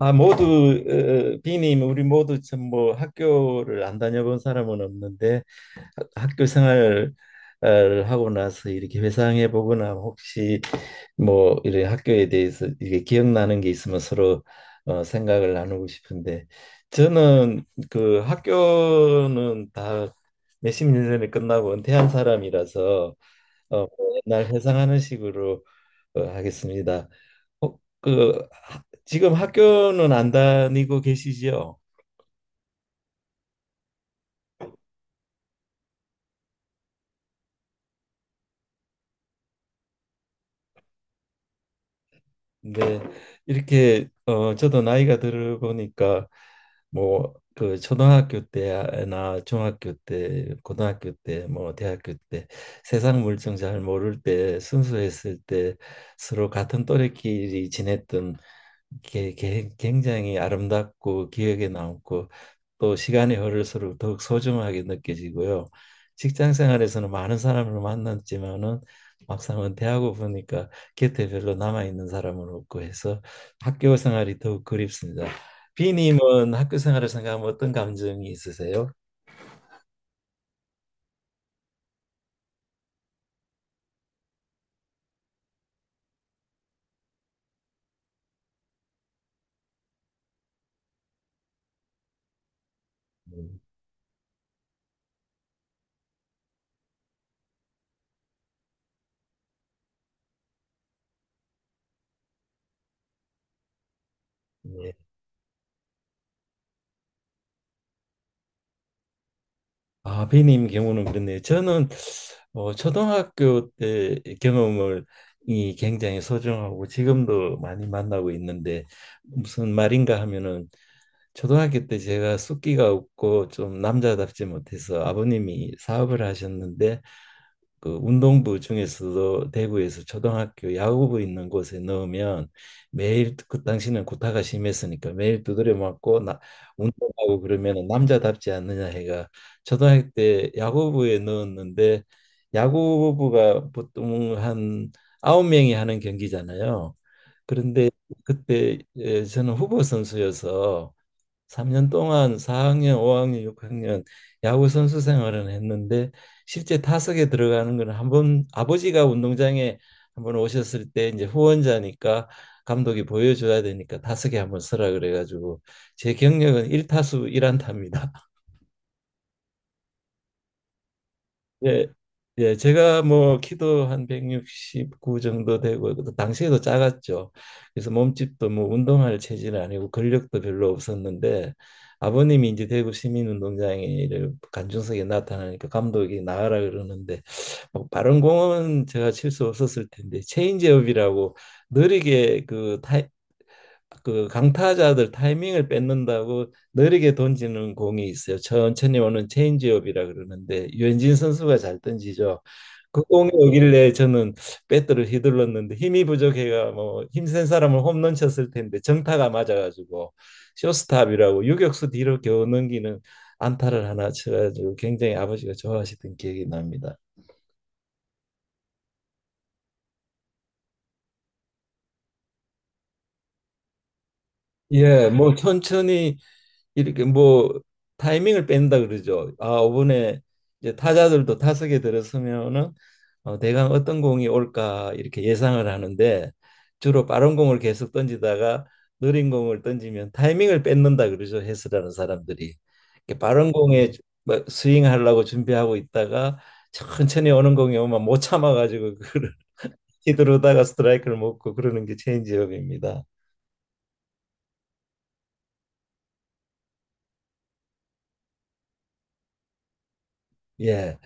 아, 모두, 비님, 우리 모두 참 뭐 학교를 안 다녀본 사람은 없는데, 학교 생활을 하고 나서 이렇게 회상해 보거나 혹시 뭐 이런 학교에 대해서 이게 기억나는 게 있으면 서로 생각을 나누고 싶은데, 저는 그 학교는 다 몇십 년 전에 끝나고 은퇴한 사람이라서, 어, 옛날 회상하는 식으로 하겠습니다. 그 지금 학교는 안 다니고 계시죠? 네, 이렇게 저도 나이가 들어보니까, 뭐 그 초등학교 때나 중학교 때, 고등학교 때, 뭐 대학교 때, 세상 물정 잘 모를 때, 순수했을 때, 서로 같은 또래끼리 지냈던 굉장히 아름답고 기억에 남고, 또 시간이 흐를수록 더욱 소중하게 느껴지고요. 직장 생활에서는 많은 사람을 만났지만은 막상은 대하고 보니까 곁에 별로 남아 있는 사람은 없고 해서 학교 생활이 더욱 그립습니다. 비님은 학교 생활을 생각하면 어떤 감정이 있으세요? 음. 예. 아, 비님 경우는 그렇네요. 저는 초등학교 때 경험을 이 굉장히 소중하고 지금도 많이 만나고 있는데, 무슨 말인가 하면은, 초등학교 때 제가 숫기가 없고 좀 남자답지 못해서 아버님이 사업을 하셨는데, 그 운동부 중에서도 대구에서 초등학교 야구부 있는 곳에 넣으면 매일, 그 당시는 구타가 심했으니까 매일 두드려 맞고 나, 운동하고 그러면 남자답지 않느냐 해가 초등학교 때 야구부에 넣었는데, 야구부가 보통 한 아홉 명이 하는 경기잖아요. 그런데 그때 예, 저는 후보 선수여서 3년 동안 4학년, 5학년, 6학년 야구 선수 생활은 했는데, 실제 타석에 들어가는 건 한 번, 아버지가 운동장에 한번 오셨을 때, 이제 후원자니까 감독이 보여줘야 되니까 타석에 한번 서라 그래가지고, 제 경력은 1타수 1안타입니다. 예, 예, 제가 뭐 키도 한 169 정도 되고 그 당시에도 작았죠. 그래서 몸집도 뭐 운동할 체질은 아니고 근력도 별로 없었는데, 아버님이 이제 대구 시민운동장에를 관중석에 나타나니까 감독이 나가라 그러는데, 뭐 빠른 공은 제가 칠 수 없었을 텐데, 체인지업이라고 느리게, 그 그 강타자들 타이밍을 뺏는다고 느리게 던지는 공이 있어요. 천천히 오는 체인지업이라 그러는데, 유현진 선수가 잘 던지죠. 그 공이 오길래 저는 배트를 휘둘렀는데, 힘이 부족해가 뭐 힘센 사람을 홈런 쳤을 텐데 정타가 맞아가지고 쇼스탑이라고 유격수 뒤로 겨우 넘기는 안타를 하나 쳐가지고 굉장히 아버지가 좋아하시던 기억이 납니다. 예, 뭐 천천히 이렇게 뭐 타이밍을 뺀다 그러죠. 아, 이번에 이제 타자들도 타석에 들어서면은 대강 어떤 공이 올까 이렇게 예상을 하는데, 주로 빠른 공을 계속 던지다가 느린 공을 던지면 타이밍을 뺏는다 그러죠, 해설하는 사람들이. 이렇게 빠른 공에 막 스윙하려고 준비하고 있다가 천천히 오는 공이 오면 못 참아가지고 그걸 휘두르다가 스트라이크를 먹고 그러는 게 체인지업입니다. 예.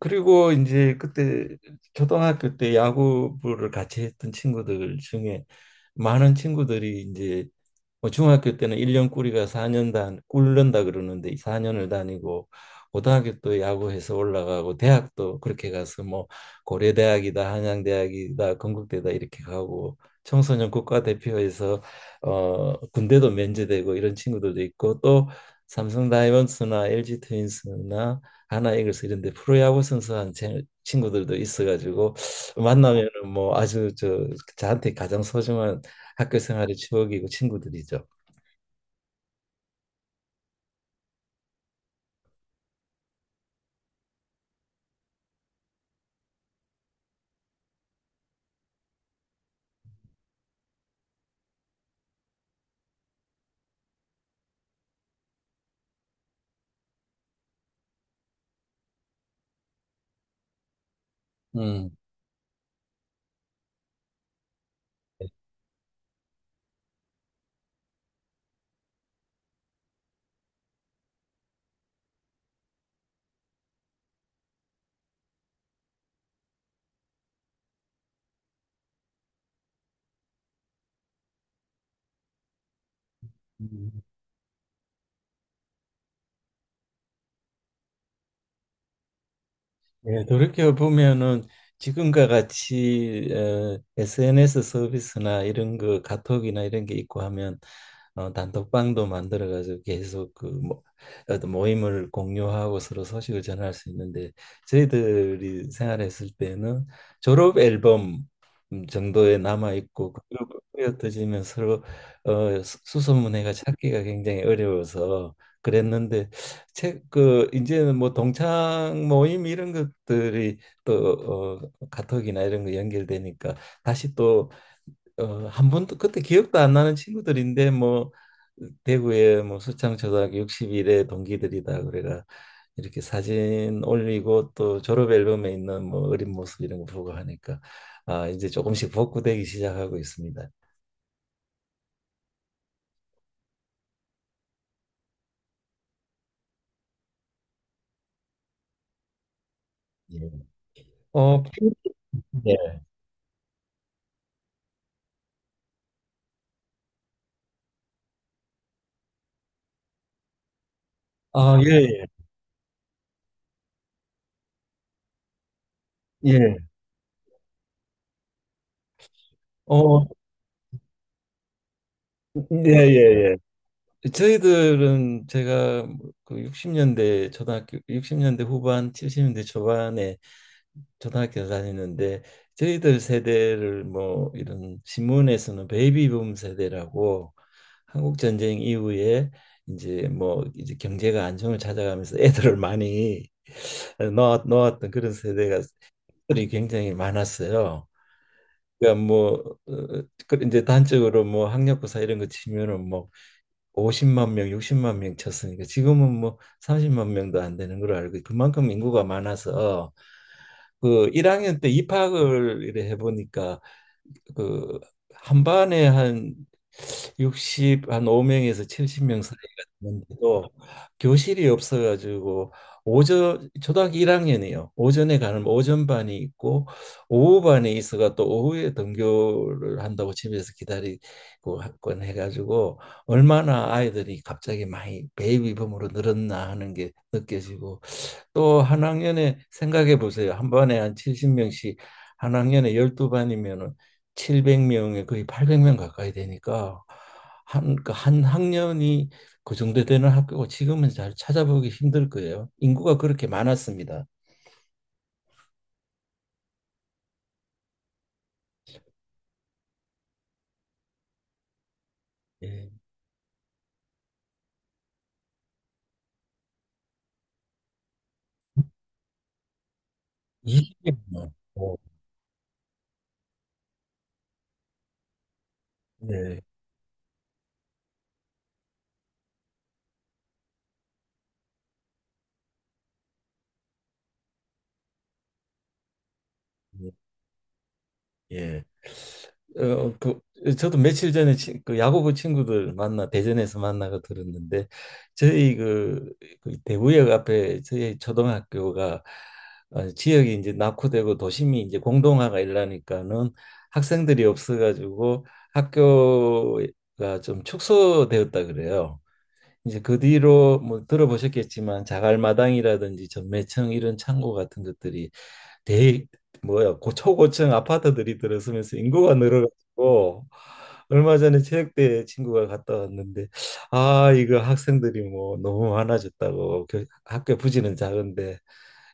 그리고 이제 그때 초등학교 때 야구부를 같이 했던 친구들 중에 많은 친구들이 이제, 뭐 중학교 때는 일년 꾸리가 사년단 꿀른다 그러는데 사년을 다니고 고등학교 또 야구해서 올라가고 대학도 그렇게 가서, 뭐 고려대학이다 한양대학이다 건국대다 이렇게 가고, 청소년 국가대표에서 군대도 면제되고 이런 친구들도 있고, 또 삼성 다이먼스나 LG 트윈스나 하나 이글스 이런데 프로야구 선수한 친구들도 있어가지고, 만나면은 뭐 아주 저한테 가장 소중한 학교 생활의 추억이고 친구들이죠. 음. 예, 돌이켜 보면은, 지금과 같이 SNS 서비스나 이런 거 카톡이나 이런 게 있고 하면 단톡방도 만들어 가지고 계속 그 뭐, 어떤 모임을 공유하고 서로 소식을 전할 수 있는데, 저희들이 생활했을 때는 졸업 앨범 정도에 남아 있고, 그리고 흩어지면 서로 수소문해가 찾기가 굉장히 어려워서 그랬는데, 책그 이제는 뭐 동창 모임 이런 것들이 또 카톡이나 이런 거 연결되니까, 다시 또 한 번도 그때 기억도 안 나는 친구들인데, 뭐 대구에 뭐 수창초등학교 60일에 동기들이다 그래가 이렇게 사진 올리고 또 졸업 앨범에 있는 뭐 어린 모습 이런 거 보고 하니까, 아, 이제 조금씩 복구되기 시작하고 있습니다. 예. 어, 예. 아, 예, 예. 예. 어, 예, 예, 예. 저희들은 제가, 그 60년대, 초등학교 60년대 후반 70년대 초반에 초등학교 다니는데, 저희들 세대를 뭐 이런 신문에서는 베이비붐 세대라고, 한국 전쟁 이후에 이제 뭐 이제 경제가 안정을 찾아가면서 애들을 많이 놓았던 그런 세대가 들이 굉장히 많았어요. 그러니까 뭐 그 이제 단적으로 뭐 학력고사 이런 거 치면은 뭐 50만 명, 60만 명 쳤으니까 지금은 뭐 30만 명도 안 되는 걸로 알고, 그만큼 인구가 많아서 그 1학년 때 입학을 이래 해보니까, 그 한 반에 한6십한 5명에서 70명 사이가 되는데도 교실이 없어가지고, 오전 초등학교 1학년이요. 오전에 가는 오전 반이 있고 오후 반에 있어가 또 오후에 등교를 한다고 집에서 기다리고 학원 해가지고, 얼마나 아이들이 갑자기 많이 베이비붐으로 늘었나 하는 게 느껴지고, 또 한 학년에 생각해 보세요. 한 반에 한 70명씩 한 학년에 12반이면은 700명에 거의 800명 가까이 되니까, 그한 학년이 그 정도 되는 학교고, 지금은 잘 찾아보기 힘들 거예요. 인구가 그렇게 많았습니다. 예. 이십 명. 예. 예. 그, 저도 며칠 전에 그 야구부 친구들 만나 대전에서 만나고 들었는데, 저희 그 대구역 앞에 저희 초등학교가, 지역이 이제 낙후되고 도심이 이제 공동화가 일라니까는 학생들이 없어가지고 학교가 좀 축소되었다 그래요. 이제 그 뒤로 뭐 들어보셨겠지만 자갈마당이라든지 전매청 이런 창고 같은 것들이, 대 뭐야 고 초고층 아파트들이 들어서면서 인구가 늘어가지고, 얼마 전에 체육대회 친구가 갔다 왔는데, 아, 이거 학생들이 뭐 너무 많아졌다고, 학교 부지는 작은데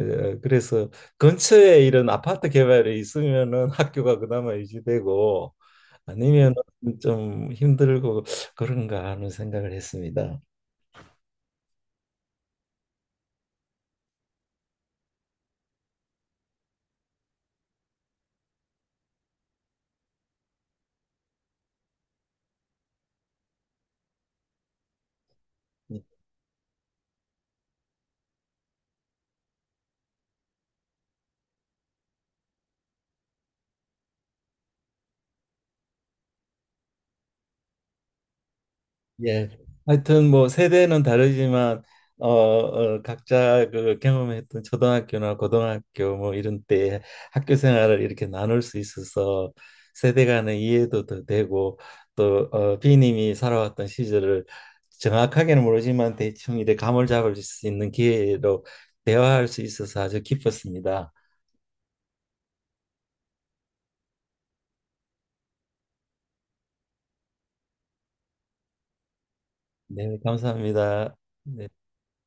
그래서 근처에 이런 아파트 개발이 있으면은 학교가 그나마 유지되고, 아니면은 좀 힘들고 그런가 하는 생각을 했습니다. 네. 예. 하여튼 뭐 세대는 다르지만 각자 그 경험했던 초등학교나 고등학교 뭐 이런 때 학교 생활을 이렇게 나눌 수 있어서 세대 간의 이해도 더 되고, 또 B 님이 살아왔던 시절을 정확하게는 모르지만 대충 이렇게 감을 잡을 수 있는 기회로 대화할 수 있어서 아주 기뻤습니다. 네, 감사합니다. 네.